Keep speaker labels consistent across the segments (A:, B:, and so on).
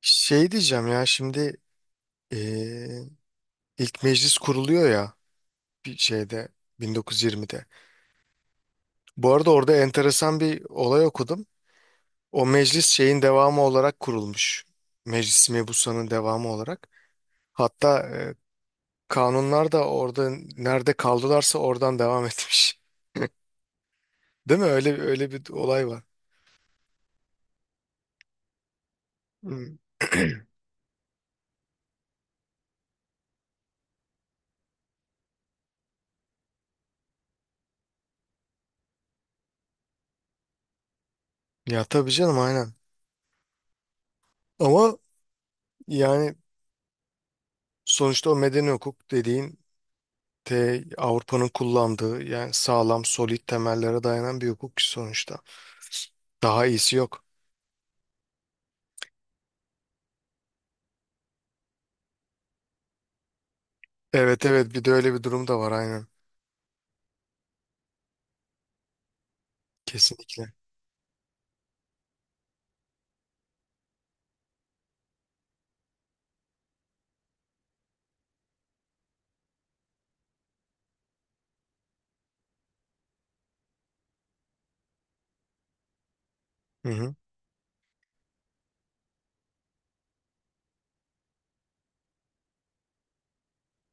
A: Şey diyeceğim ya şimdi eee, ilk meclis kuruluyor ya bir şeyde 1920'de. Bu arada orada enteresan bir olay okudum. O meclis şeyin devamı olarak kurulmuş. Meclis mebusanın devamı olarak. Hatta kanunlar da orada nerede kaldılarsa oradan devam etmiş. Değil mi? Öyle öyle bir olay var. Hmm. Ya tabii canım aynen. Ama yani sonuçta o medeni hukuk dediğin de Avrupa'nın kullandığı yani sağlam, solid temellere dayanan bir hukuk ki sonuçta. Daha iyisi yok. Evet, evet, bir de öyle bir durum da var aynen. Kesinlikle. Hı hı.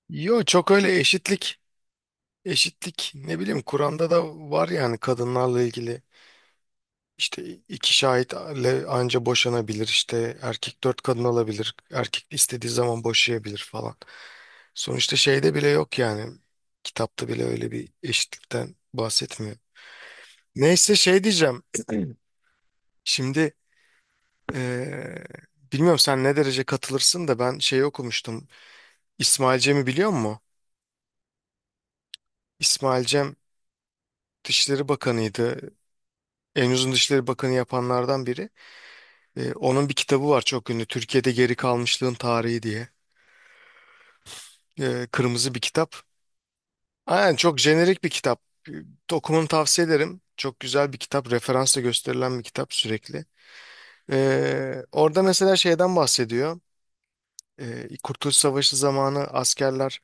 A: Yo, çok öyle eşitlik ne bileyim Kur'an'da da var yani kadınlarla ilgili işte iki şahitle anca boşanabilir işte erkek dört kadın alabilir erkek istediği zaman boşayabilir falan. Sonuçta şeyde bile yok yani kitapta bile öyle bir eşitlikten bahsetmiyor. Neyse şey diyeceğim. Şimdi eee, bilmiyorum sen ne derece katılırsın da ben şeyi okumuştum. İsmail Cem'i biliyor musun? İsmail Cem Dışişleri Bakanı'ydı. En uzun Dışişleri Bakanı yapanlardan biri. Onun bir kitabı var çok ünlü. Türkiye'de Geri Kalmışlığın Tarihi diye. Kırmızı bir kitap. Aynen çok jenerik bir kitap. Eee, Okumanı tavsiye ederim. Çok güzel bir kitap. Referansla gösterilen bir kitap sürekli. Orada mesela şeyden bahsediyor. Kurtuluş Savaşı zamanı askerler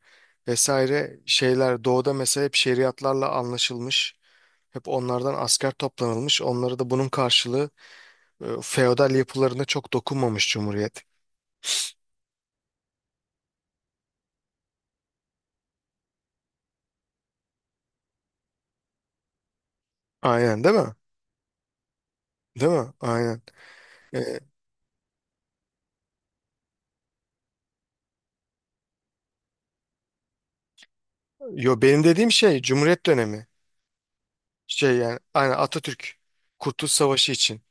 A: vesaire şeyler doğuda mesela hep şeriatlarla anlaşılmış. Hep onlardan asker toplanılmış. Onlara da bunun karşılığı feodal yapılarına çok dokunmamış Cumhuriyet. Aynen, değil mi? Değil mi? Aynen. E, yo benim dediğim şey Cumhuriyet dönemi. Şey yani aynen Atatürk Kurtuluş Savaşı için.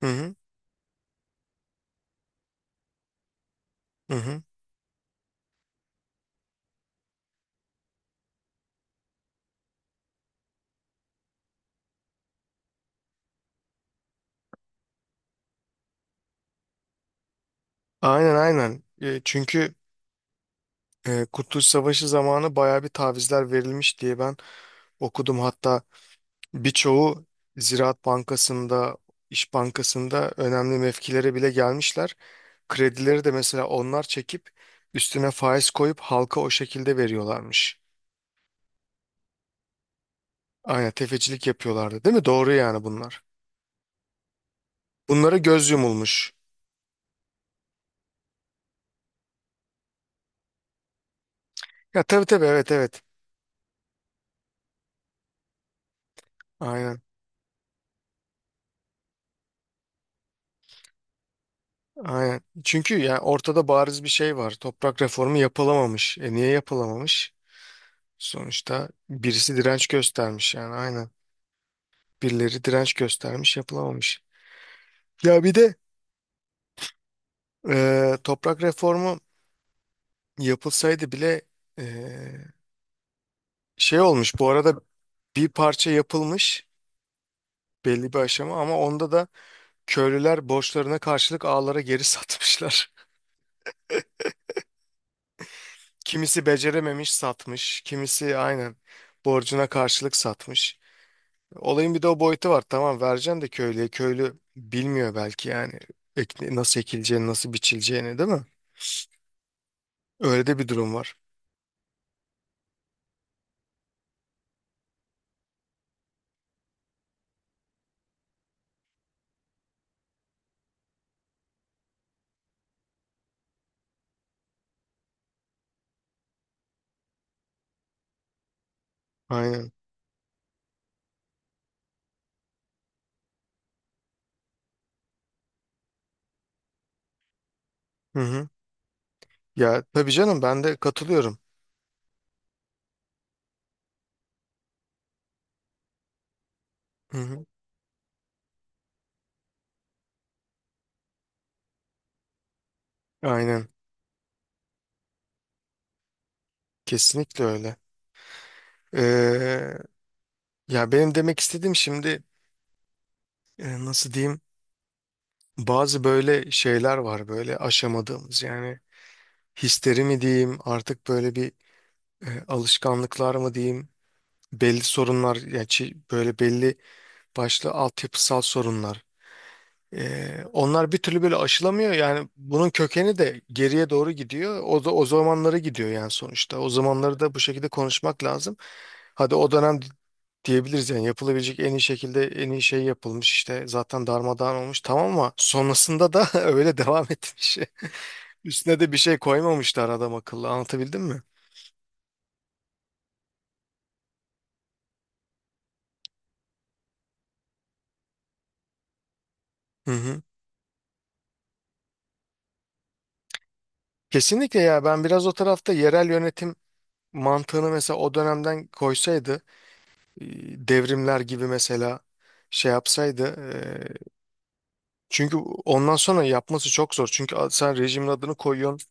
A: Hı hı. Hı hı. Aynen, aynen. Çünkü Kurtuluş Savaşı zamanı bayağı bir tavizler verilmiş diye ben okudum. Hatta birçoğu Ziraat Bankası'nda, İş Bankası'nda önemli mevkilere bile gelmişler. Kredileri de mesela onlar çekip üstüne faiz koyup halka o şekilde veriyorlarmış. Aynen tefecilik yapıyorlardı, değil mi? Doğru yani bunlar. Bunlara göz yumulmuş. Ya tabii, tabii, evet, evet. Aynen, aynen. Çünkü yani ortada bariz bir şey var. Toprak reformu yapılamamış. E, niye yapılamamış? Sonuçta birisi direnç göstermiş yani aynen. Birileri direnç göstermiş yapılamamış. Ya bir de toprak reformu yapılsaydı bile ee, şey olmuş bu arada, bir parça yapılmış belli bir aşama ama onda da köylüler borçlarına karşılık ağlara geri satmışlar. Kimisi becerememiş satmış, kimisi aynen borcuna karşılık satmış. Olayın bir de o boyutu var, tamam vereceksin de köylüye, köylü bilmiyor belki yani nasıl ekileceğini, nasıl biçileceğini, değil mi? Öyle de bir durum var. Aynen. Hı hı. Ya tabii canım ben de katılıyorum. Hı hı. Aynen. Kesinlikle öyle. Ee, ya benim demek istediğim şimdi, nasıl diyeyim, bazı böyle şeyler var böyle aşamadığımız yani, hisleri mi diyeyim artık, böyle bir alışkanlıklar mı diyeyim, belli sorunlar yani, böyle belli başlı altyapısal sorunlar. Onlar bir türlü böyle aşılamıyor yani, bunun kökeni de geriye doğru gidiyor, o da o zamanlara gidiyor yani. Sonuçta o zamanları da bu şekilde konuşmak lazım, hadi o dönem diyebiliriz yani yapılabilecek en iyi şekilde en iyi şey yapılmış işte, zaten darmadağın olmuş tamam, ama sonrasında da öyle devam etmiş, üstüne de bir şey koymamışlar adam akıllı, anlatabildim mi? Hı hı. Kesinlikle ya, ben biraz o tarafta yerel yönetim mantığını mesela o dönemden koysaydı, e, devrimler gibi mesela şey yapsaydı, e, çünkü ondan sonra yapması çok zor. Çünkü sen rejimin adını koyuyorsun,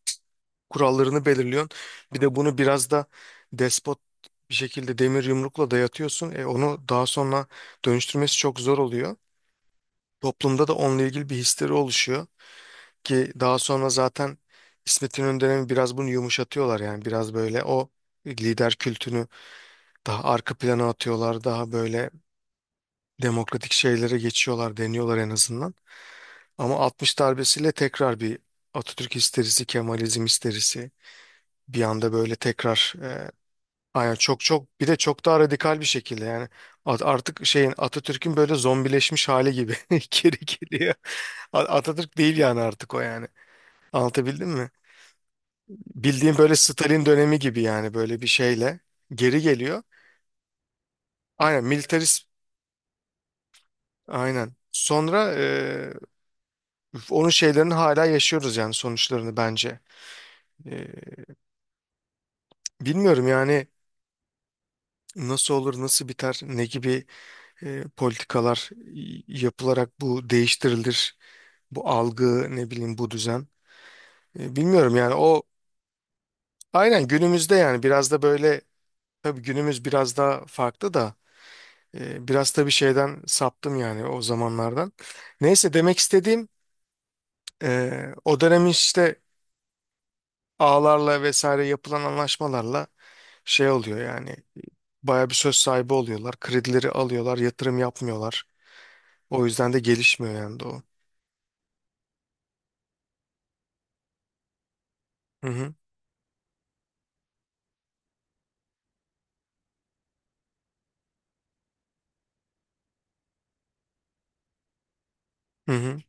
A: kurallarını belirliyorsun. Bir de bunu biraz da despot bir şekilde demir yumrukla dayatıyorsun. Onu daha sonra dönüştürmesi çok zor oluyor. Toplumda da onunla ilgili bir histeri oluşuyor ki daha sonra zaten İsmet İnönü dönemi biraz bunu yumuşatıyorlar yani, biraz böyle o lider kültünü daha arka plana atıyorlar, daha böyle demokratik şeylere geçiyorlar, deniyorlar en azından. Ama 60 darbesiyle tekrar bir Atatürk histerisi, Kemalizm histerisi bir anda böyle tekrar . Aynen çok çok, bir de çok daha radikal bir şekilde yani, artık şeyin Atatürk'ün böyle zombileşmiş hali gibi geri geliyor. Atatürk değil yani artık o yani. Anlatabildim mi? Bildiğim böyle Stalin dönemi gibi yani, böyle bir şeyle geri geliyor. Aynen militarist, aynen. Sonra Üf, onun şeylerini hala yaşıyoruz yani sonuçlarını, bence. Ee, bilmiyorum yani nasıl olur, nasıl biter, ne gibi politikalar yapılarak bu değiştirilir, bu algı, ne bileyim bu düzen. Bilmiyorum yani o, aynen günümüzde yani, biraz da böyle, tabii günümüz biraz daha farklı da, biraz da bir şeyden saptım yani o zamanlardan. Neyse demek istediğim o dönem işte ağlarla vesaire yapılan anlaşmalarla şey oluyor yani. Baya bir söz sahibi oluyorlar. Kredileri alıyorlar, yatırım yapmıyorlar. O yüzden de gelişmiyor yani doğu. Hı hı. Hı hı.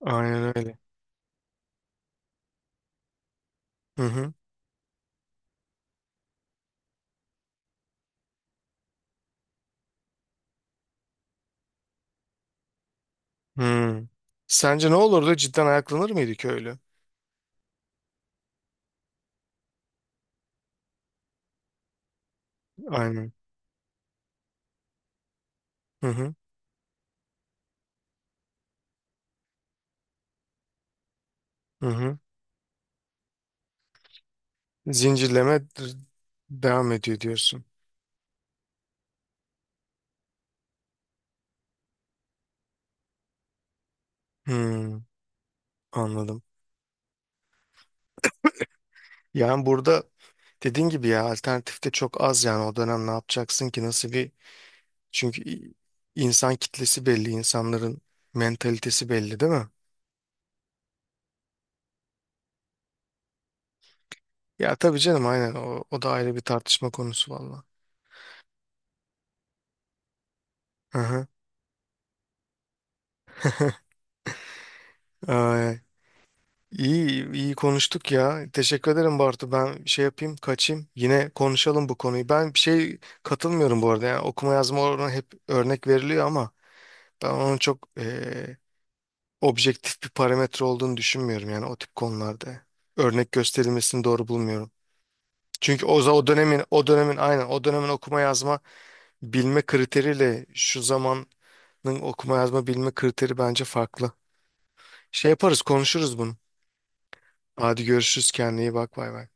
A: Aynen öyle. Hı hı. Hı. Sence ne olurdu? Cidden ayaklanır mıydı köylü? Aynen. Hı hı. Hı hı. Zincirleme devam ediyor diyorsun. Hı. Anladım. Yani burada dediğin gibi ya, alternatif de çok az yani o dönem ne yapacaksın ki, nasıl bir, çünkü insan kitlesi belli, insanların mentalitesi belli, değil mi? Ya tabii canım aynen, o, da ayrı bir tartışma konusu valla. Hı hı. Ee, iyi iyi konuştuk ya. Teşekkür ederim Bartu. Ben şey yapayım, kaçayım. Yine konuşalım bu konuyu. Ben bir şey katılmıyorum bu arada. Yani okuma yazma oranı hep örnek veriliyor ama ben onun çok objektif bir parametre olduğunu düşünmüyorum yani o tip konularda. Örnek gösterilmesini doğru bulmuyorum. Çünkü o dönemin aynen o dönemin okuma yazma bilme kriteriyle şu zamanın okuma yazma bilme kriteri bence farklı. Şey yaparız, konuşuruz bunu. Hadi görüşürüz, kendine iyi bak, bay bay.